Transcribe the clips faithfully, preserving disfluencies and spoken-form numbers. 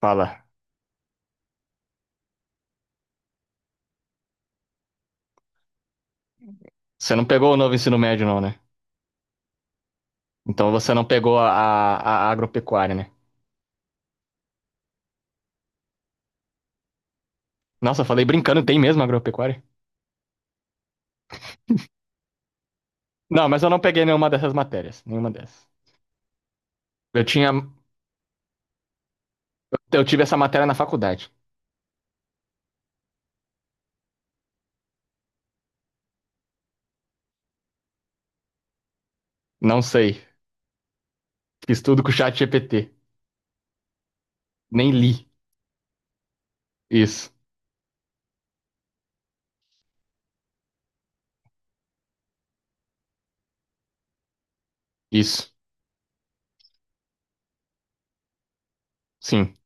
Fala. Você não pegou o novo ensino médio, não, né? Então você não pegou a, a, a agropecuária, né? Nossa, eu falei brincando, tem mesmo agropecuária? Não, mas eu não peguei nenhuma dessas matérias. Nenhuma dessas. Eu tinha. Eu tive essa matéria na faculdade. Não sei. Fiz tudo com o chat G P T. Nem li. Isso. Isso. Sim.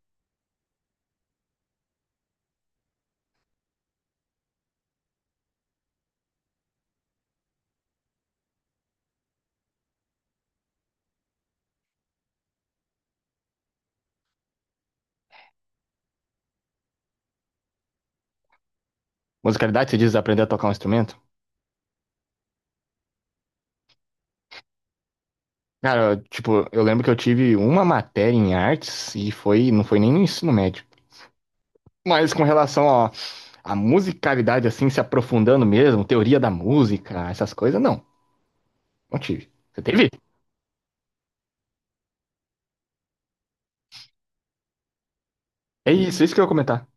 Musicalidade, você diz aprender a tocar um instrumento? Cara, eu, tipo, eu lembro que eu tive uma matéria em artes e foi, não foi nem no ensino médio. Mas com relação a musicalidade assim, se aprofundando mesmo, teoria da música, essas coisas, não. Não tive. Você teve? É isso, isso que eu ia comentar.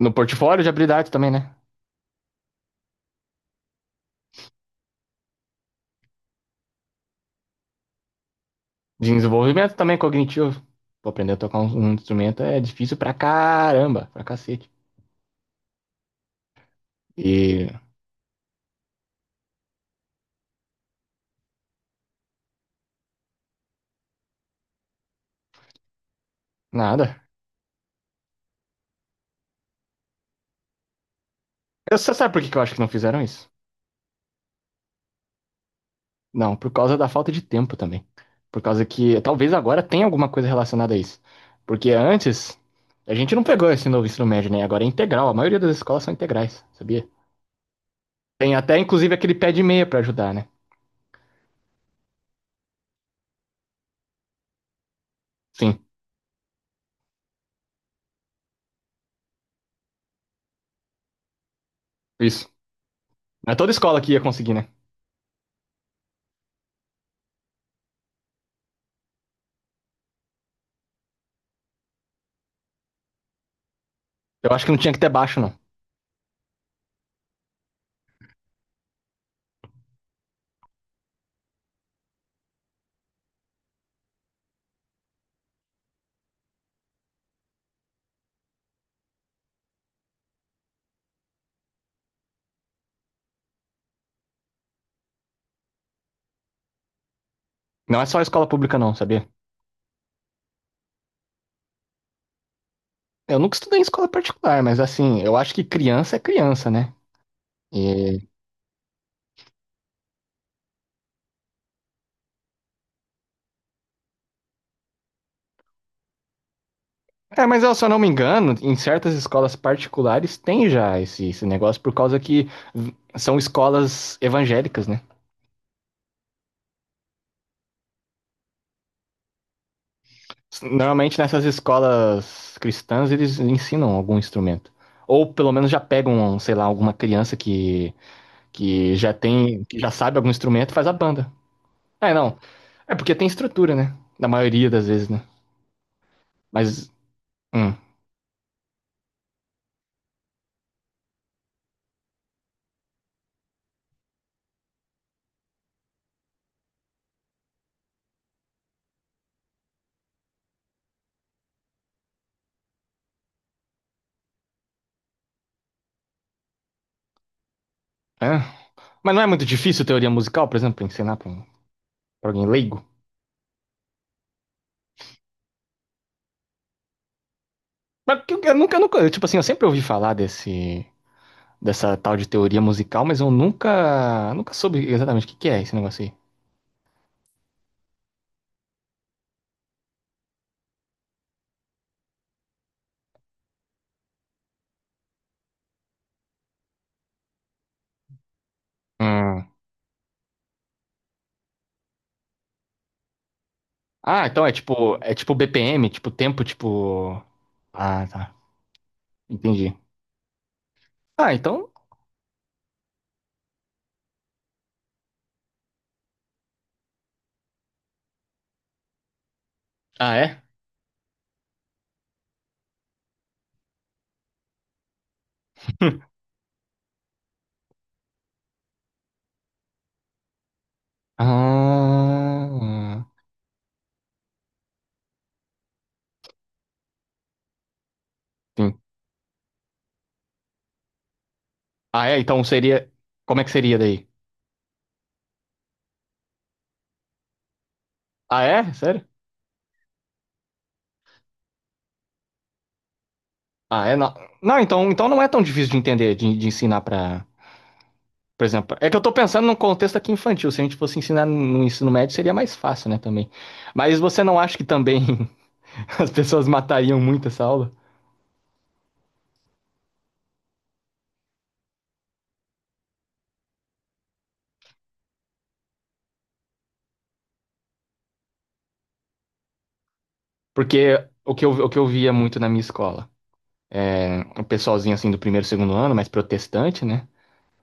No portfólio de habilidades também, né? De desenvolvimento também cognitivo. Pô, aprender a tocar um, um instrumento é difícil pra caramba, pra cacete. E nada. Eu- Você sabe por que que eu acho que não fizeram isso? Não, por causa da falta de tempo também. Por causa que talvez agora tenha alguma coisa relacionada a isso. Porque antes, a gente não pegou esse novo ensino médio, né? Agora é integral. A maioria das escolas são integrais, sabia? Tem até, inclusive, aquele pé de meia pra ajudar, né? Sim, isso. Não é toda escola que ia conseguir, né? Eu acho que não tinha que ter baixo, não. Não é só escola pública, não, sabia? Eu nunca estudei em escola particular, mas assim, eu acho que criança é criança, né? E- É, mas eu, se eu não me engano, em certas escolas particulares tem já esse, esse negócio por causa que v- são escolas evangélicas, né? Normalmente nessas escolas cristãs eles ensinam algum instrumento. Ou pelo menos já pegam, sei lá, alguma criança que que já tem, que já sabe algum instrumento, faz a banda. É, não. É porque tem estrutura, né? Na maioria das vezes, né? Mas, hum, é. Mas não é muito difícil teoria musical, por exemplo, pra ensinar pra, um- pra alguém leigo? Mas que eu, eu nunca, nunca, tipo assim, eu sempre ouvi falar desse, dessa tal de teoria musical, mas eu nunca, nunca soube exatamente o que que é esse negócio aí. Hum. Ah, então é tipo, é tipo B P M, tipo tempo, tipo... Ah, tá. Entendi. Ah, então... Ah, é? Ah, Ah, é? Então seria. Como é que seria daí? Ah, é? Sério? Ah, é? Não, não então, então não é tão difícil de entender, de, de ensinar pra. Por exemplo, é que eu tô pensando num contexto aqui infantil. Se a gente fosse ensinar no ensino médio, seria mais fácil, né, também. Mas você não acha que também as pessoas matariam muito essa aula? Porque o que eu, o que eu via muito na minha escola, é, um pessoalzinho assim do primeiro, segundo ano, mais protestante, né?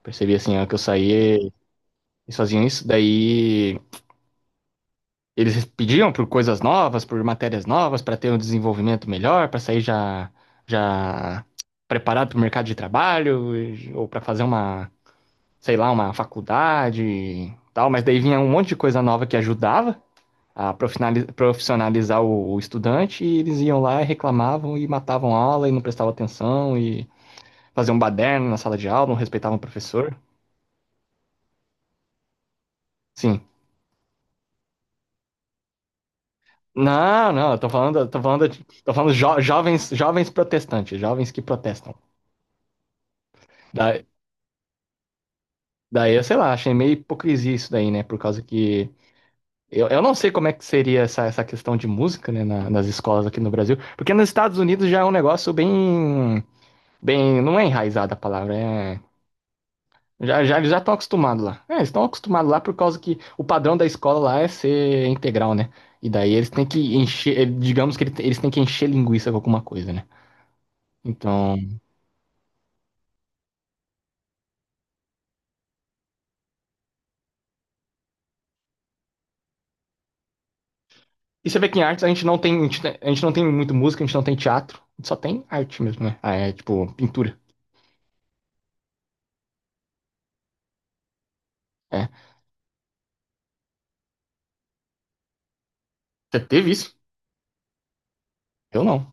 Percebi assim, a hora que eu saí eles faziam isso. Daí eles pediam por coisas novas, por matérias novas, para ter um desenvolvimento melhor, para sair já, já preparado para o mercado de trabalho, e- ou para fazer uma, sei lá, uma faculdade e tal. Mas daí vinha um monte de coisa nova que ajudava a profinali- profissionalizar o, o estudante, e eles iam lá e reclamavam e matavam a aula e não prestavam atenção e faziam um baderno na sala de aula, não respeitavam o professor. Sim. Não, não, eu tô falando, tô falando, tô falando jo- jovens, jovens protestantes, jovens que protestam. Da- Daí, eu sei lá, achei meio hipocrisia isso daí, né? Por causa que. Eu, eu não sei como é que seria essa, essa questão de música, né, na- nas escolas aqui no Brasil. Porque nos Estados Unidos já é um negócio bem. Bem. Não é enraizada a palavra, é. Já, já, eles já estão acostumados lá. É, eles estão acostumados lá por causa que o padrão da escola lá é ser integral, né? E daí eles têm que encher. eh, Digamos que ele- eles têm que encher linguiça com alguma coisa, né? Então. E você vê que em artes a gente não tem. A gente, a gente não tem muito música, a gente não tem teatro. A gente só tem arte mesmo, né? Ah, é tipo pintura. É. Você teve isso? Eu não.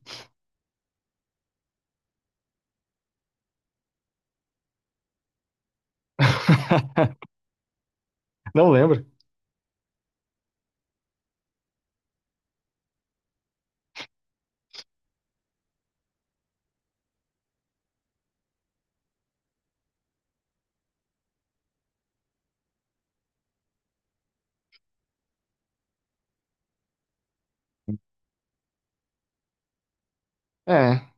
Não lembro. É.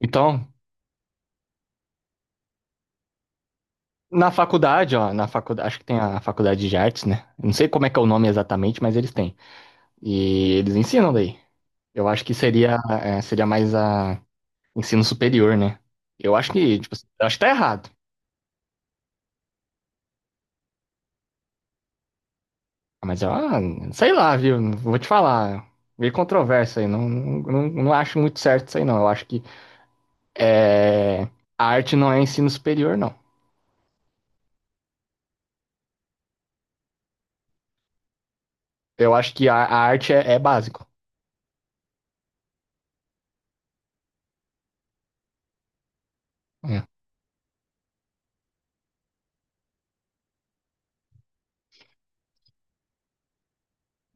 Então, na faculdade, ó, na faculdade, acho que tem a faculdade de artes, né? Não sei como é que é o nome exatamente, mas eles têm. E eles ensinam daí. Eu acho que seria, é, seria mais a ensino superior, né? Eu acho que, tipo, eu acho que tá errado. Mas, ah, sei lá, viu? Vou te falar. Meio controverso aí. Não, não, não acho muito certo isso aí, não. Eu acho que é, a arte não é ensino superior, não. Eu acho que a, a arte é é básico. É.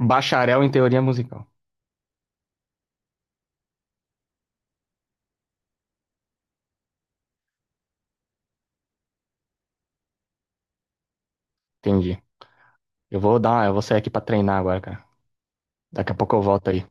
Bacharel em teoria musical. Entendi. Eu vou dar, eu vou sair aqui pra treinar agora, cara. Daqui a pouco eu volto aí.